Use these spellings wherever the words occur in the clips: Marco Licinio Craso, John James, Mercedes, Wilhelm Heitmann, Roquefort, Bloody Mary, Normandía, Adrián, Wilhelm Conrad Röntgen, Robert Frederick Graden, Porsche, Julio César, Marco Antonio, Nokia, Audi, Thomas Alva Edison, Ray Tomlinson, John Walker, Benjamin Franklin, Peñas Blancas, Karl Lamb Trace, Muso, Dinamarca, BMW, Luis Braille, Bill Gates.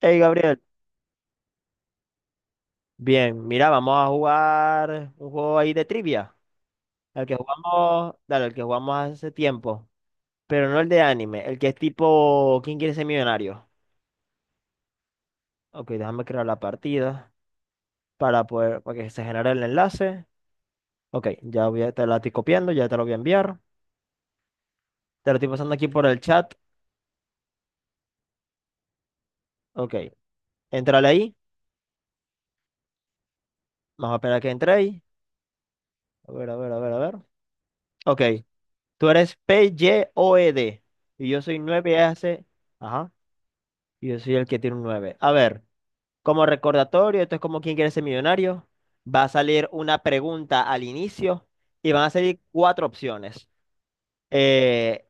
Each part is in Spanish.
Hey Gabriel, bien, mira, vamos a jugar un juego ahí de trivia, el que jugamos, dale, el que jugamos hace tiempo, pero no el de anime, el que es tipo ¿Quién quiere ser millonario? Ok, déjame crear la partida para poder, para que se genere el enlace. Ok, ya te la estoy copiando, ya te lo voy a enviar. Te lo estoy pasando aquí por el chat. Ok, entrale ahí. Vamos a esperar a que entréis. A ver, a ver, a ver, a ver. Ok, tú eres PYOED y O E D y yo soy 9 hace. Ajá. Y yo soy el que tiene un 9. A ver. Como recordatorio, esto es como quién quiere ser millonario. Va a salir una pregunta al inicio y van a salir cuatro opciones. Eh,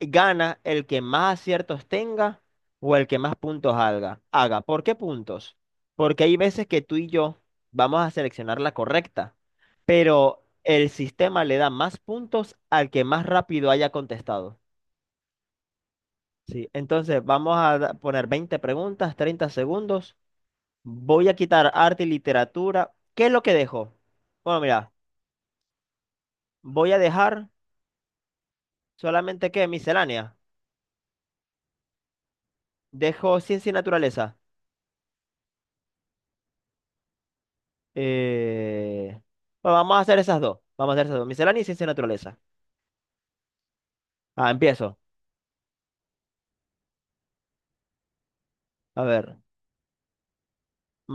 gana el que más aciertos tenga o el que más puntos haga. Haga. ¿Por qué puntos? Porque hay veces que tú y yo vamos a seleccionar la correcta, pero el sistema le da más puntos al que más rápido haya contestado. Sí, entonces poner 20 preguntas, 30 segundos. Voy a quitar arte y literatura. ¿Qué es lo que dejo? Bueno, mira, voy a dejar solamente que miscelánea. Dejo ciencia y naturaleza. Eh, bueno, vamos a hacer esas dos. Vamos a hacer esas dos. Miscelánea y ciencia y naturaleza. Ah, empiezo. A ver.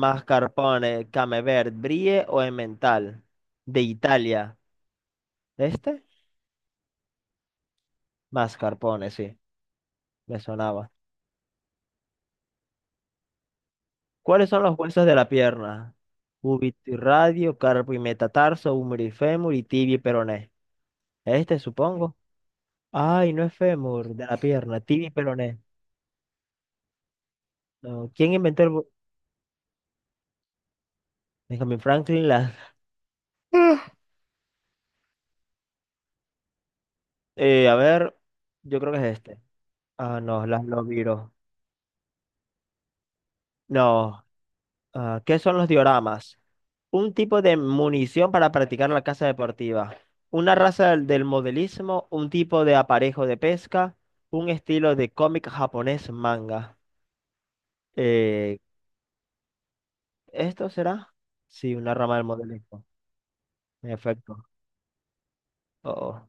Mascarpone, Camembert, Brie o Emmental. De Italia. ¿Este? Mascarpone, sí. Me sonaba. ¿Cuáles son los huesos de la pierna? Cúbito y radio, carpo y metatarso, húmero y fémur y tibia y peroné. Este, supongo. Ay, no es fémur de la pierna, tibia y peroné. No. ¿Quién inventó el... bu- Benjamin Franklin las... a ver, yo creo que es este. Ah, no, las lobiro. No. Ah, ¿qué son los dioramas? Un tipo de munición para practicar la caza deportiva. Una raza del modelismo, un tipo de aparejo de pesca, un estilo de cómic japonés manga. Eh, ¿Esto será? Sí, una rama del modelismo. En efecto. Oh. Oh.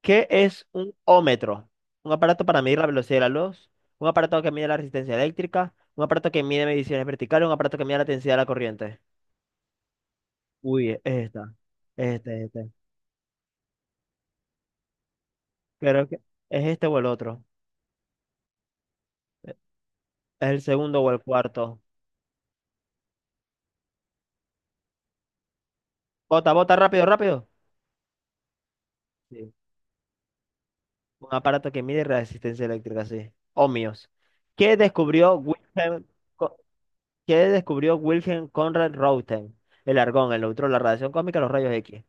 ¿Qué es un ómetro? Un aparato para medir la velocidad de la luz, un aparato que mide la resistencia eléctrica, un aparato que mide mediciones verticales, un aparato que mide la densidad de la corriente. Uy, es esta. Este, este. Creo que es este o el otro. Es el segundo o el cuarto. Bota, bota, rápido, rápido. Sí. Un aparato que mide resistencia eléctrica, sí. Ohmios. ¿Qué descubrió Wilhelm, Co- ¿Qué descubrió Wilhelm Conrad Röntgen? El argón, el neutrón, la radiación cósmica, los rayos X.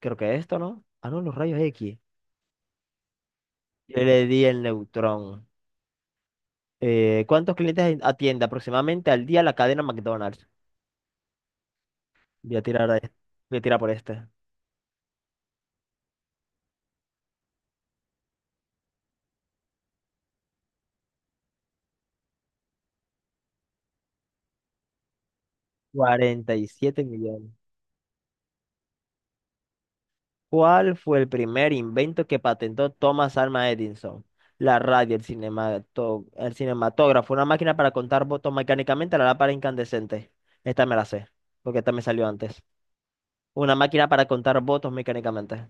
Creo que esto, ¿no? Ah, no, los rayos X. Yo le di el neutrón. ¿Cuántos clientes atiende aproximadamente al día la cadena McDonald's? Voy a tirar, a este- voy a tirar por este. 47 millones. ¿Cuál fue el primer invento que patentó Thomas Alva Edison? La radio, el cinematógrafo, una máquina para contar votos mecánicamente a la lámpara incandescente. Esta me la sé, porque esta me salió antes. Una máquina para contar votos mecánicamente.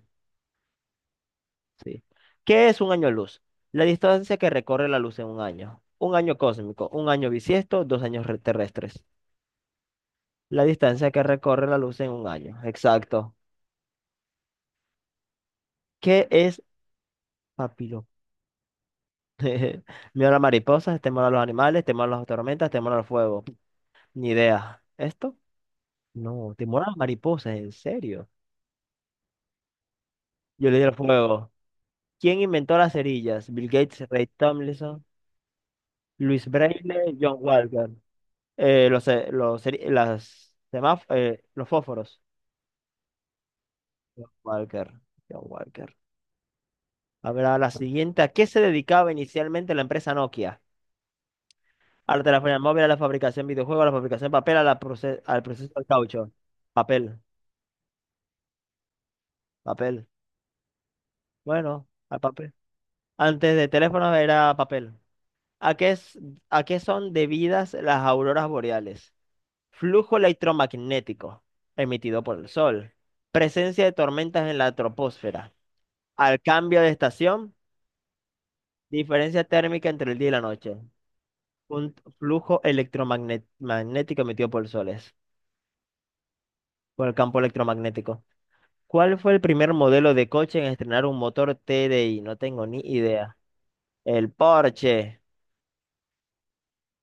Sí. ¿Qué es un año luz? La distancia que recorre la luz en un año. Un año cósmico, un año bisiesto, terrestres. La distancia que recorre la luz en un año. Exacto. ¿Qué es papiro? Miedo a las mariposas, temor a los animales, temor a las tormentas, temor al fuego. Ni idea. ¿Esto? No, temor a las mariposas, en serio. Yo le di el fuego. ¿Quién inventó las cerillas? Bill Gates, Ray Tomlinson, Luis Braille, John Walker. Los, seri- las, semáf- los fósforos. John Walker. John Walker. Habrá la siguiente. ¿A qué se dedicaba inicialmente la empresa Nokia? A la telefonía móvil, a la fabricación de videojuegos, a la fabricación de papel, al proceso del caucho. Papel, papel. Bueno, al papel. Antes de teléfonos era papel. ¿A qué, es, ¿a qué son debidas las auroras boreales? Flujo electromagnético emitido por el sol. Presencia de tormentas en la troposfera. Al cambio de estación, diferencia térmica entre el día y la noche. Un flujo electromagnético emitido por soles, por el campo electromagnético. ¿Cuál fue el primer modelo de coche en estrenar un motor TDI? No tengo ni idea. El Porsche.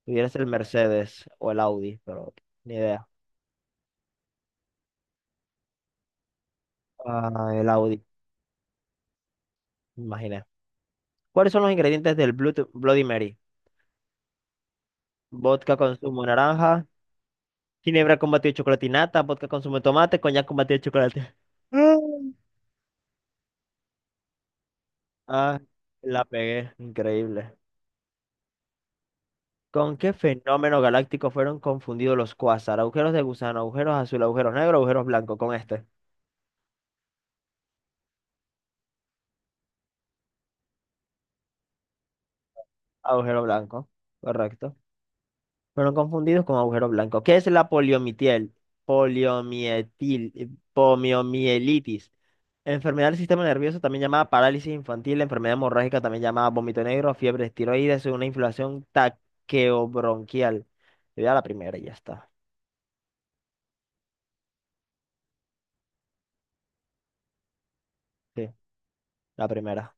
Pudiera ser el Mercedes o el Audi, pero ni idea. Ah, el Audi, me imaginé. ¿Cuáles son los ingredientes del Blut- Bloody Mary? Vodka con zumo de naranja, ginebra con batido de chocolatinata, vodka con zumo de tomate, coñac con batido de chocolate. Ah, la pegué, increíble. ¿Con qué fenómeno galáctico fueron confundidos los cuásar? Agujeros de gusano, agujeros azul, agujeros negros, agujeros blancos. Con este, agujero blanco, correcto. Fueron confundidos con agujeros blancos. ¿Qué es la poliomielitis? Poliomietil, poliomielitis. Enfermedad del sistema nervioso, también llamada parálisis infantil, enfermedad hemorrágica, también llamada vómito negro, fiebre tiroides, una inflación taqueobronquial. Yo Ya la primera, y ya está. Sí, la primera.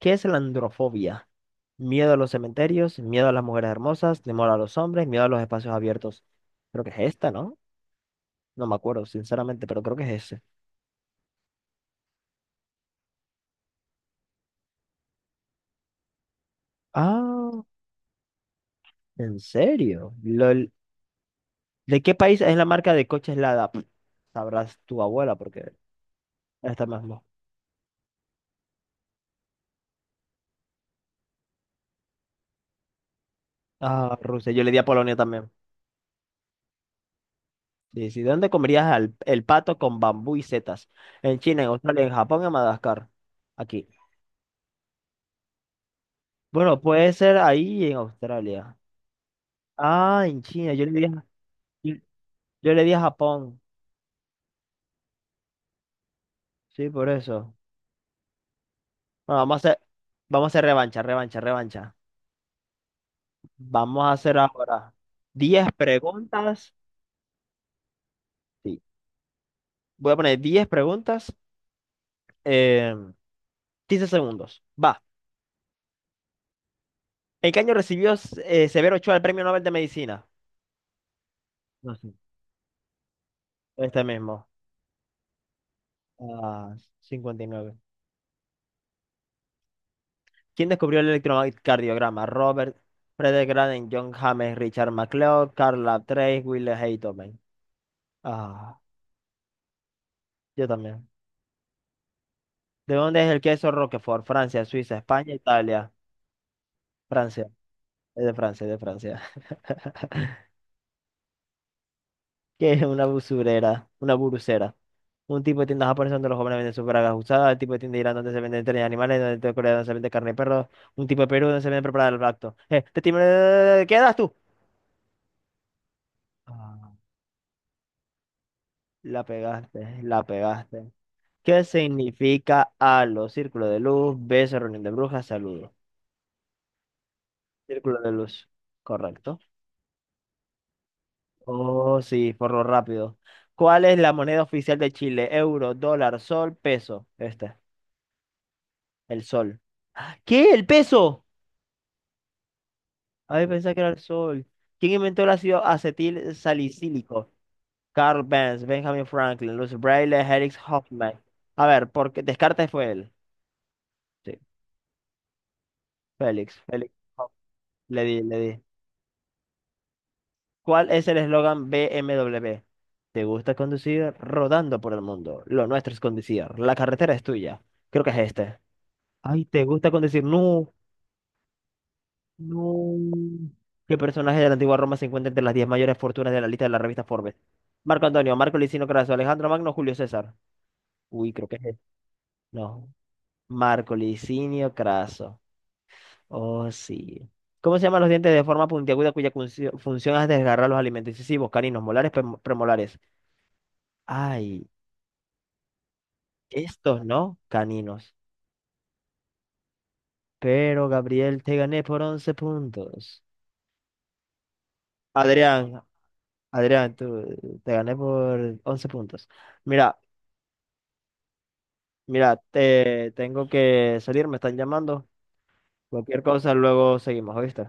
¿Qué es la androfobia? Miedo a los cementerios, miedo a las mujeres hermosas, temor a los hombres, miedo a los espacios abiertos. Creo que es esta, ¿no? No me acuerdo, sinceramente, pero creo que es ese. Ah, ¿en serio? Lol. ¿De qué país es la marca de coches Lada? Pff, sabrás tu abuela, porque esta mismo. Ah, Rusia. Yo le di a Polonia también. Sí, sí. ¿El pato con bambú y setas? En China, en Australia, en Japón, en Madagascar. Aquí. Bueno, puede ser ahí en Australia. Ah, en China. Yo le di a Japón, sí, por eso. Bueno, vamos a hacer revancha, revancha, revancha. Vamos a hacer ahora diez preguntas. Sí. Voy a poner 10 preguntas en 15 segundos. Va. ¿En qué año recibió Severo Ochoa el Premio Nobel de Medicina? No sé. Este mismo. Ah, cincuenta y nueve. ¿Quién descubrió el electrocardiograma? Robert Frederick Graden, John James, Richard MacLeod, Karl Lamb Trace, Wilhelm Heitmann. Ah, yo también. ¿De dónde es el queso Roquefort? Francia, Suiza, España, Italia. Francia. Es de Francia, es de Francia. ¿Qué es una usurera? Una burucera. Un tipo de tienda japonesa donde los jóvenes venden sus bragas usadas. El tipo de tienda de Irán donde se venden trenes de animales. Donde el tipo de Corea donde se vende carne de perro. Un tipo de Perú donde se vende preparada el lacto. ¿Qué das tú? Ah, la pegaste, la pegaste. ¿Qué significa halo? Círculo de luz, beso, reunión de brujas, saludo. Círculo de luz. Correcto. Oh, sí, por lo rápido. ¿Cuál es la moneda oficial de Chile? Euro, dólar, sol, peso. Este, el sol. ¿Qué? ¿El peso? Ay, pensé que era el sol. ¿Quién inventó el ácido acetil salicílico? Carl Benz, Benjamin Franklin, Luis Braille, Felix Hoffman. A ver, porque Descartes fue él. Sí, Félix, Félix Hoffmann. Le di, le di. ¿Cuál es el eslogan BMW? ¿Te gusta conducir? Rodando por el mundo. Lo nuestro es conducir. La carretera es tuya. Creo que es este. Ay, ¿te gusta con decir no? No. ¿Qué personaje de la antigua Roma se encuentra entre las 10 mayores fortunas de la lista de la revista Forbes? Marco Antonio, Marco Licinio Craso, Alejandro Magno, Julio César. Uy, creo que es él. No. Marco Licinio Craso. Oh, sí. ¿Cómo se llaman los dientes de forma puntiaguda cuya funcio- función es desgarrar los alimentos incisivos, caninos, molares, premolares? Ay, estos no, caninos. Pero Gabriel, te gané por 11 puntos. Adrián, Adrián, tú, te gané por 11 puntos. Mira, mira, te tengo que salir, me están llamando. Cualquier cosa, luego seguimos, ¿oíste?